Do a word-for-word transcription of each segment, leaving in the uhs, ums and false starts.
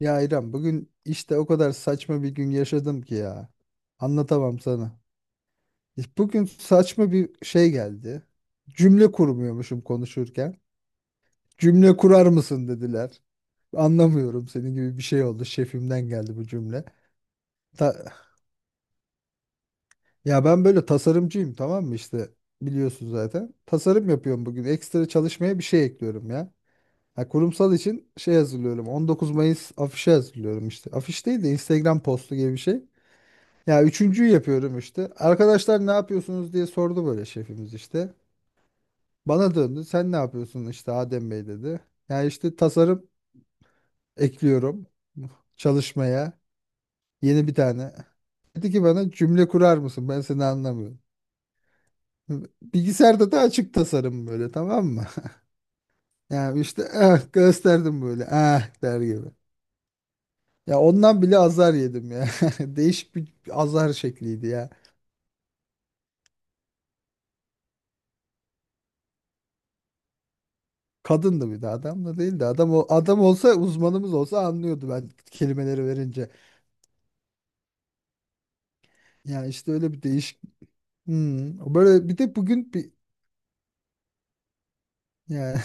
Ya İrem bugün işte o kadar saçma bir gün yaşadım ki ya. Anlatamam sana. İşte bugün saçma bir şey geldi. Cümle kurmuyormuşum konuşurken. Cümle kurar mısın dediler. Anlamıyorum senin gibi bir şey oldu. Şefimden geldi bu cümle. Ta- Ya ben böyle tasarımcıyım, tamam mı işte, biliyorsun zaten. Tasarım yapıyorum bugün. Ekstra çalışmaya bir şey ekliyorum ya. Ha, kurumsal için şey hazırlıyorum. 19 Mayıs afişi hazırlıyorum işte. Afiş değil de Instagram postu gibi bir şey. Ya üçüncüyü yapıyorum işte. Arkadaşlar ne yapıyorsunuz diye sordu böyle şefimiz işte. Bana döndü. Sen ne yapıyorsun işte Adem Bey dedi. Ya işte tasarım ekliyorum çalışmaya. Yeni bir tane. Dedi ki bana, cümle kurar mısın? Ben seni anlamıyorum. Bilgisayarda da açık tasarım böyle, tamam mı? Yani işte ah gösterdim böyle, ah der gibi. Ya ondan bile azar yedim ya. Değişik bir azar şekliydi ya. Kadındı, bir de adam da değildi. Adam o adam olsa, uzmanımız olsa anlıyordu ben kelimeleri verince. Yani işte öyle bir değişik. Hmm. Böyle bir de bugün bir, yani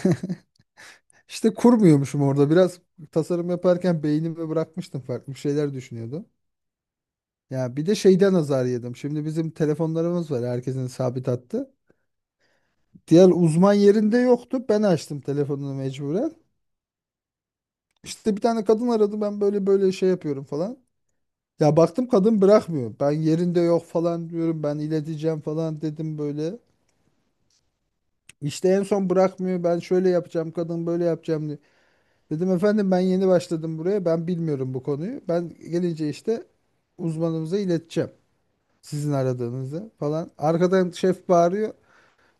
işte kurmuyormuşum orada biraz, tasarım yaparken beynimi bırakmıştım, farklı şeyler düşünüyordum. Ya bir de şeyden azar yedim. Şimdi bizim telefonlarımız var, herkesin sabit hattı. Diğer uzman yerinde yoktu. Ben açtım telefonunu mecburen. İşte bir tane kadın aradı, ben böyle böyle şey yapıyorum falan. Ya baktım kadın bırakmıyor. Ben yerinde yok falan diyorum. Ben ileteceğim falan dedim böyle. İşte en son bırakmıyor. Ben şöyle yapacağım, kadın böyle yapacağım diye. Dedim efendim ben yeni başladım buraya. Ben bilmiyorum bu konuyu. Ben gelince işte uzmanımıza ileteceğim. Sizin aradığınızı falan. Arkadan şef bağırıyor.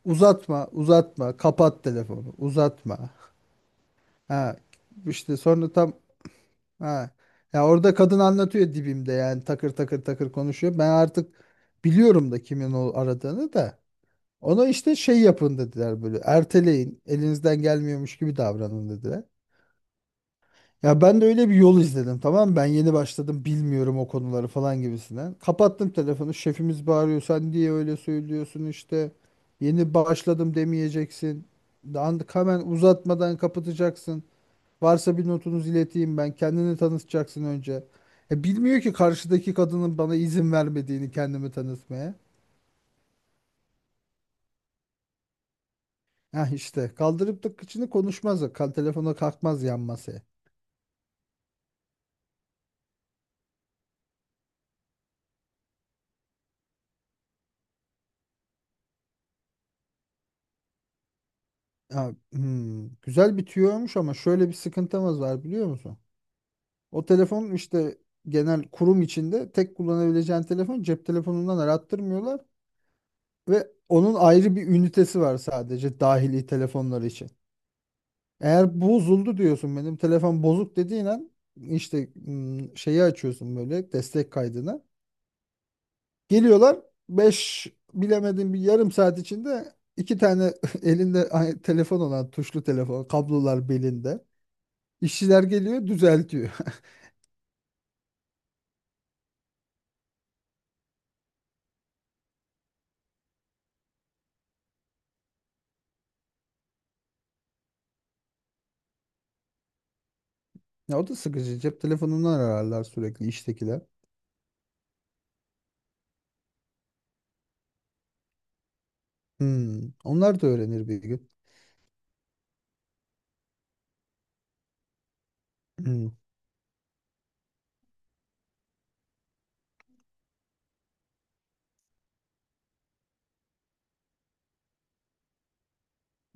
Uzatma, uzatma, kapat telefonu, uzatma. Ha, işte sonra tam. Ha. Ya orada kadın anlatıyor dibimde, yani takır takır takır konuşuyor. Ben artık biliyorum da kimin o aradığını da. Ona işte şey yapın dediler, böyle erteleyin elinizden gelmiyormuş gibi davranın dediler. Ya ben de öyle bir yol izledim, tamam mı? Ben yeni başladım bilmiyorum o konuları falan gibisinden. Kapattım telefonu, şefimiz bağırıyor sen diye öyle söylüyorsun işte. Yeni başladım demeyeceksin. Daha hemen uzatmadan kapatacaksın. Varsa bir notunuzu ileteyim ben. Kendini tanıtacaksın önce. E, bilmiyor ki karşıdaki kadının bana izin vermediğini kendimi tanıtmaya. Ha işte, kaldırıp da kıçını konuşmaz. Kal telefona kalkmaz yan masaya. Ha, hmm, güzel bitiyormuş ama şöyle bir sıkıntımız var biliyor musun? O telefon işte genel kurum içinde tek kullanabileceğin telefon, cep telefonundan arattırmıyorlar ve onun ayrı bir ünitesi var sadece dahili telefonlar için. Eğer bozuldu diyorsun, benim telefon bozuk dediğin an işte ım, şeyi açıyorsun böyle, destek kaydını. Geliyorlar beş, bilemedin bir yarım saat içinde iki tane elinde ay- telefon olan, tuşlu telefon, kablolar belinde. İşçiler geliyor düzeltiyor. Ya o da sıkıcı, cep telefonundan ararlar sürekli iştekiler. Hmm, Onlar da öğrenir bir gün. Hmm,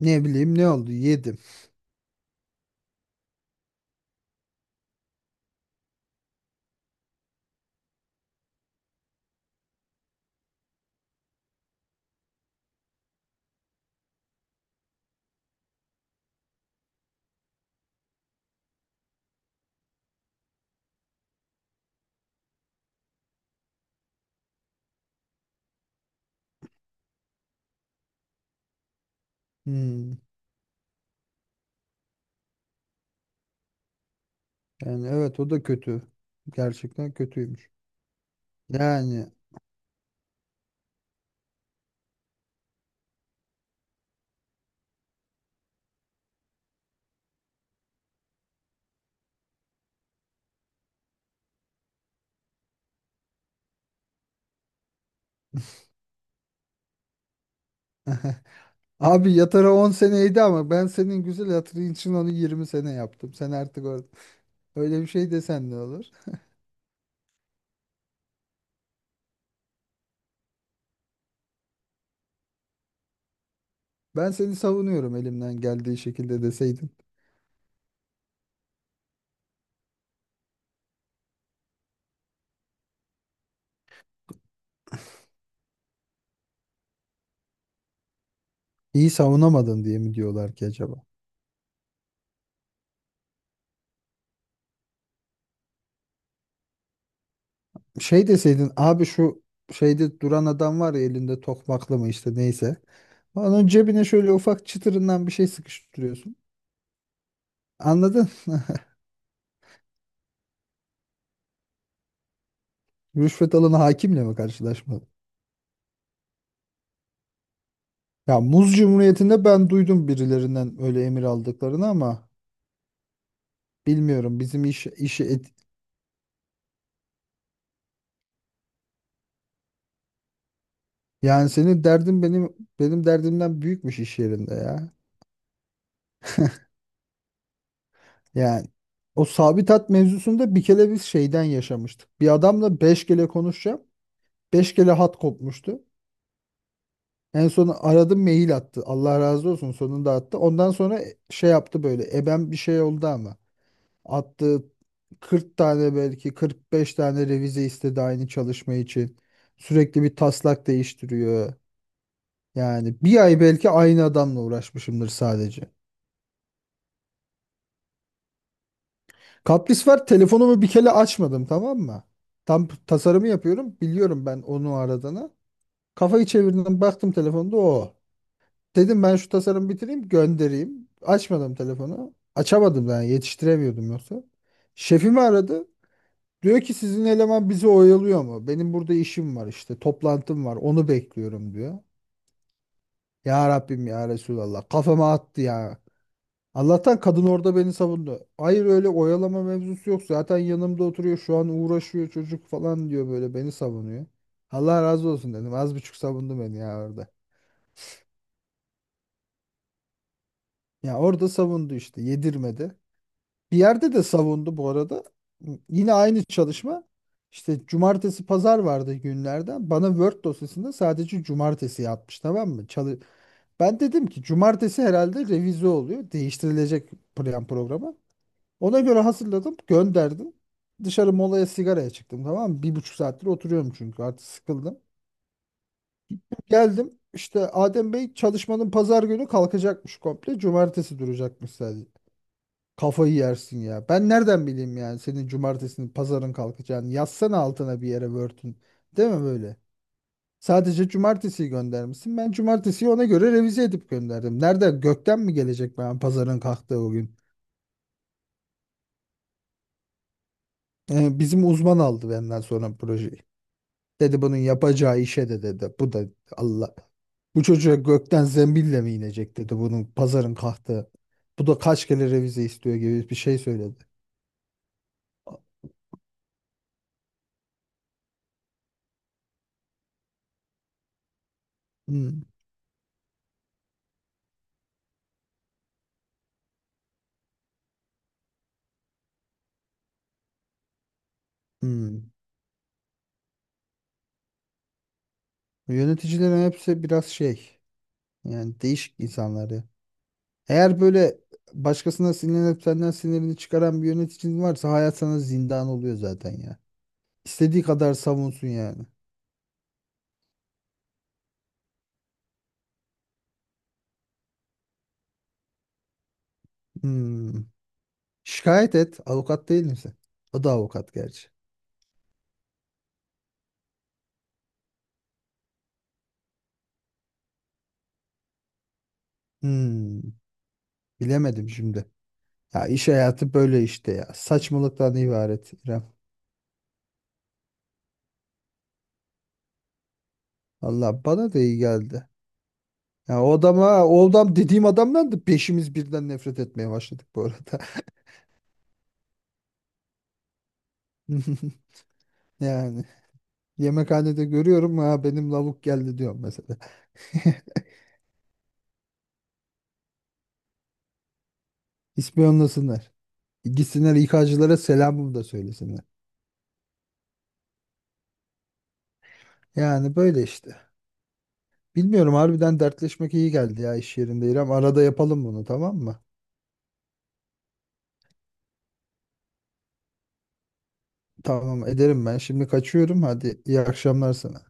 Ne bileyim ne oldu yedim. Hmm, Yani evet o da kötü. Gerçekten kötüymüş. Yani abi, yatara on seneydi ama ben senin güzel hatırın için onu yirmi sene yaptım. Sen artık or- öyle bir şey desen ne olur? Ben seni savunuyorum elimden geldiği şekilde deseydin. İyi savunamadın diye mi diyorlar ki acaba? Şey deseydin abi, şu şeyde duran adam var ya, elinde tokmaklı mı işte, neyse. Onun cebine şöyle ufak çıtırından bir şey sıkıştırıyorsun. Anladın? Rüşvet alanı hakimle mi karşılaşmalı? Ya Muz Cumhuriyeti'nde ben duydum birilerinden öyle emir aldıklarını ama bilmiyorum bizim iş, işi et- Yani senin derdin benim benim derdimden büyükmüş iş yerinde ya. Yani o sabit hat mevzusunda bir kere biz şeyden yaşamıştık. Bir adamla beş kere konuşacağım, beş kere hat kopmuştu. En son aradım, mail attı. Allah razı olsun, sonunda attı. Ondan sonra şey yaptı böyle. Ebem bir şey oldu ama. Attı kırk tane, belki kırk beş tane revize istedi aynı çalışma için. Sürekli bir taslak değiştiriyor. Yani bir ay belki aynı adamla uğraşmışımdır sadece. Kapris var. Telefonumu bir kere açmadım, tamam mı? Tam tasarımı yapıyorum. Biliyorum ben onu aradığını. Kafayı çevirdim, baktım telefonda o. Dedim ben şu tasarımı bitireyim göndereyim. Açmadım telefonu. Açamadım da yani, yetiştiremiyordum yoksa. Şefimi aradı. Diyor ki sizin eleman bizi oyalıyor mu? Benim burada işim var, işte toplantım var, onu bekliyorum diyor. Ya Rabbim ya Resulallah, kafama attı ya. Allah'tan kadın orada beni savundu. Hayır öyle oyalama mevzusu yok. Zaten yanımda oturuyor şu an, uğraşıyor çocuk falan diyor, böyle beni savunuyor. Allah razı olsun dedim. Az buçuk savundu beni ya orada. Ya orada savundu işte, yedirmedi. Bir yerde de savundu bu arada. Yine aynı çalışma. İşte cumartesi pazar vardı günlerden. Bana Word dosyasında sadece cumartesi yapmış, tamam mı? Çalı ben dedim ki cumartesi herhalde revize oluyor. Değiştirilecek plan programı. Ona göre hazırladım, gönderdim. Dışarı molaya sigaraya çıktım, tamam mı? Bir buçuk saattir oturuyorum çünkü artık sıkıldım. Geldim işte Adem Bey, çalışmanın pazar günü kalkacakmış komple. Cumartesi duracakmış sadece. Kafayı yersin ya. Ben nereden bileyim yani senin cumartesinin pazarın kalkacağını. Yazsana altına bir yere Word'ün. Değil mi böyle? Sadece cumartesiyi göndermişsin. Ben cumartesiyi ona göre revize edip gönderdim. Nerede, gökten mi gelecek ben pazarın kalktığı o gün? Ee, bizim uzman aldı benden sonra projeyi. Dedi bunun yapacağı işe de dedi. Bu da Allah. Bu çocuğa gökten zembille mi inecek dedi bunun pazarın kahtığı. Bu da kaç kere revize istiyor gibi bir şey söyledi. Hmm, hmm. Yöneticilerin hepsi biraz şey, yani değişik insanları. Eğer böyle başkasına sinirlenip senden sinirini çıkaran bir yöneticin varsa hayat sana zindan oluyor zaten ya. İstediği kadar savunsun yani. Hmm. Şikayet et. Avukat değil misin? O da avukat gerçi. Hmm, bilemedim şimdi. Ya iş hayatı böyle işte ya. Saçmalıktan ibaret, İrem. Valla bana da iyi geldi. Ya o adama, o adam dediğim adamdan da beşimiz birden nefret etmeye başladık bu arada. Yani yemekhanede görüyorum, ha benim lavuk geldi diyorum mesela. İspiyonlasınlar. Gitsinler İK'cılara selamımı da söylesinler. Yani böyle işte. Bilmiyorum harbiden, dertleşmek iyi geldi ya iş yerinde, İrem. Arada yapalım bunu, tamam mı? Tamam ederim ben. Şimdi kaçıyorum. Hadi iyi akşamlar sana.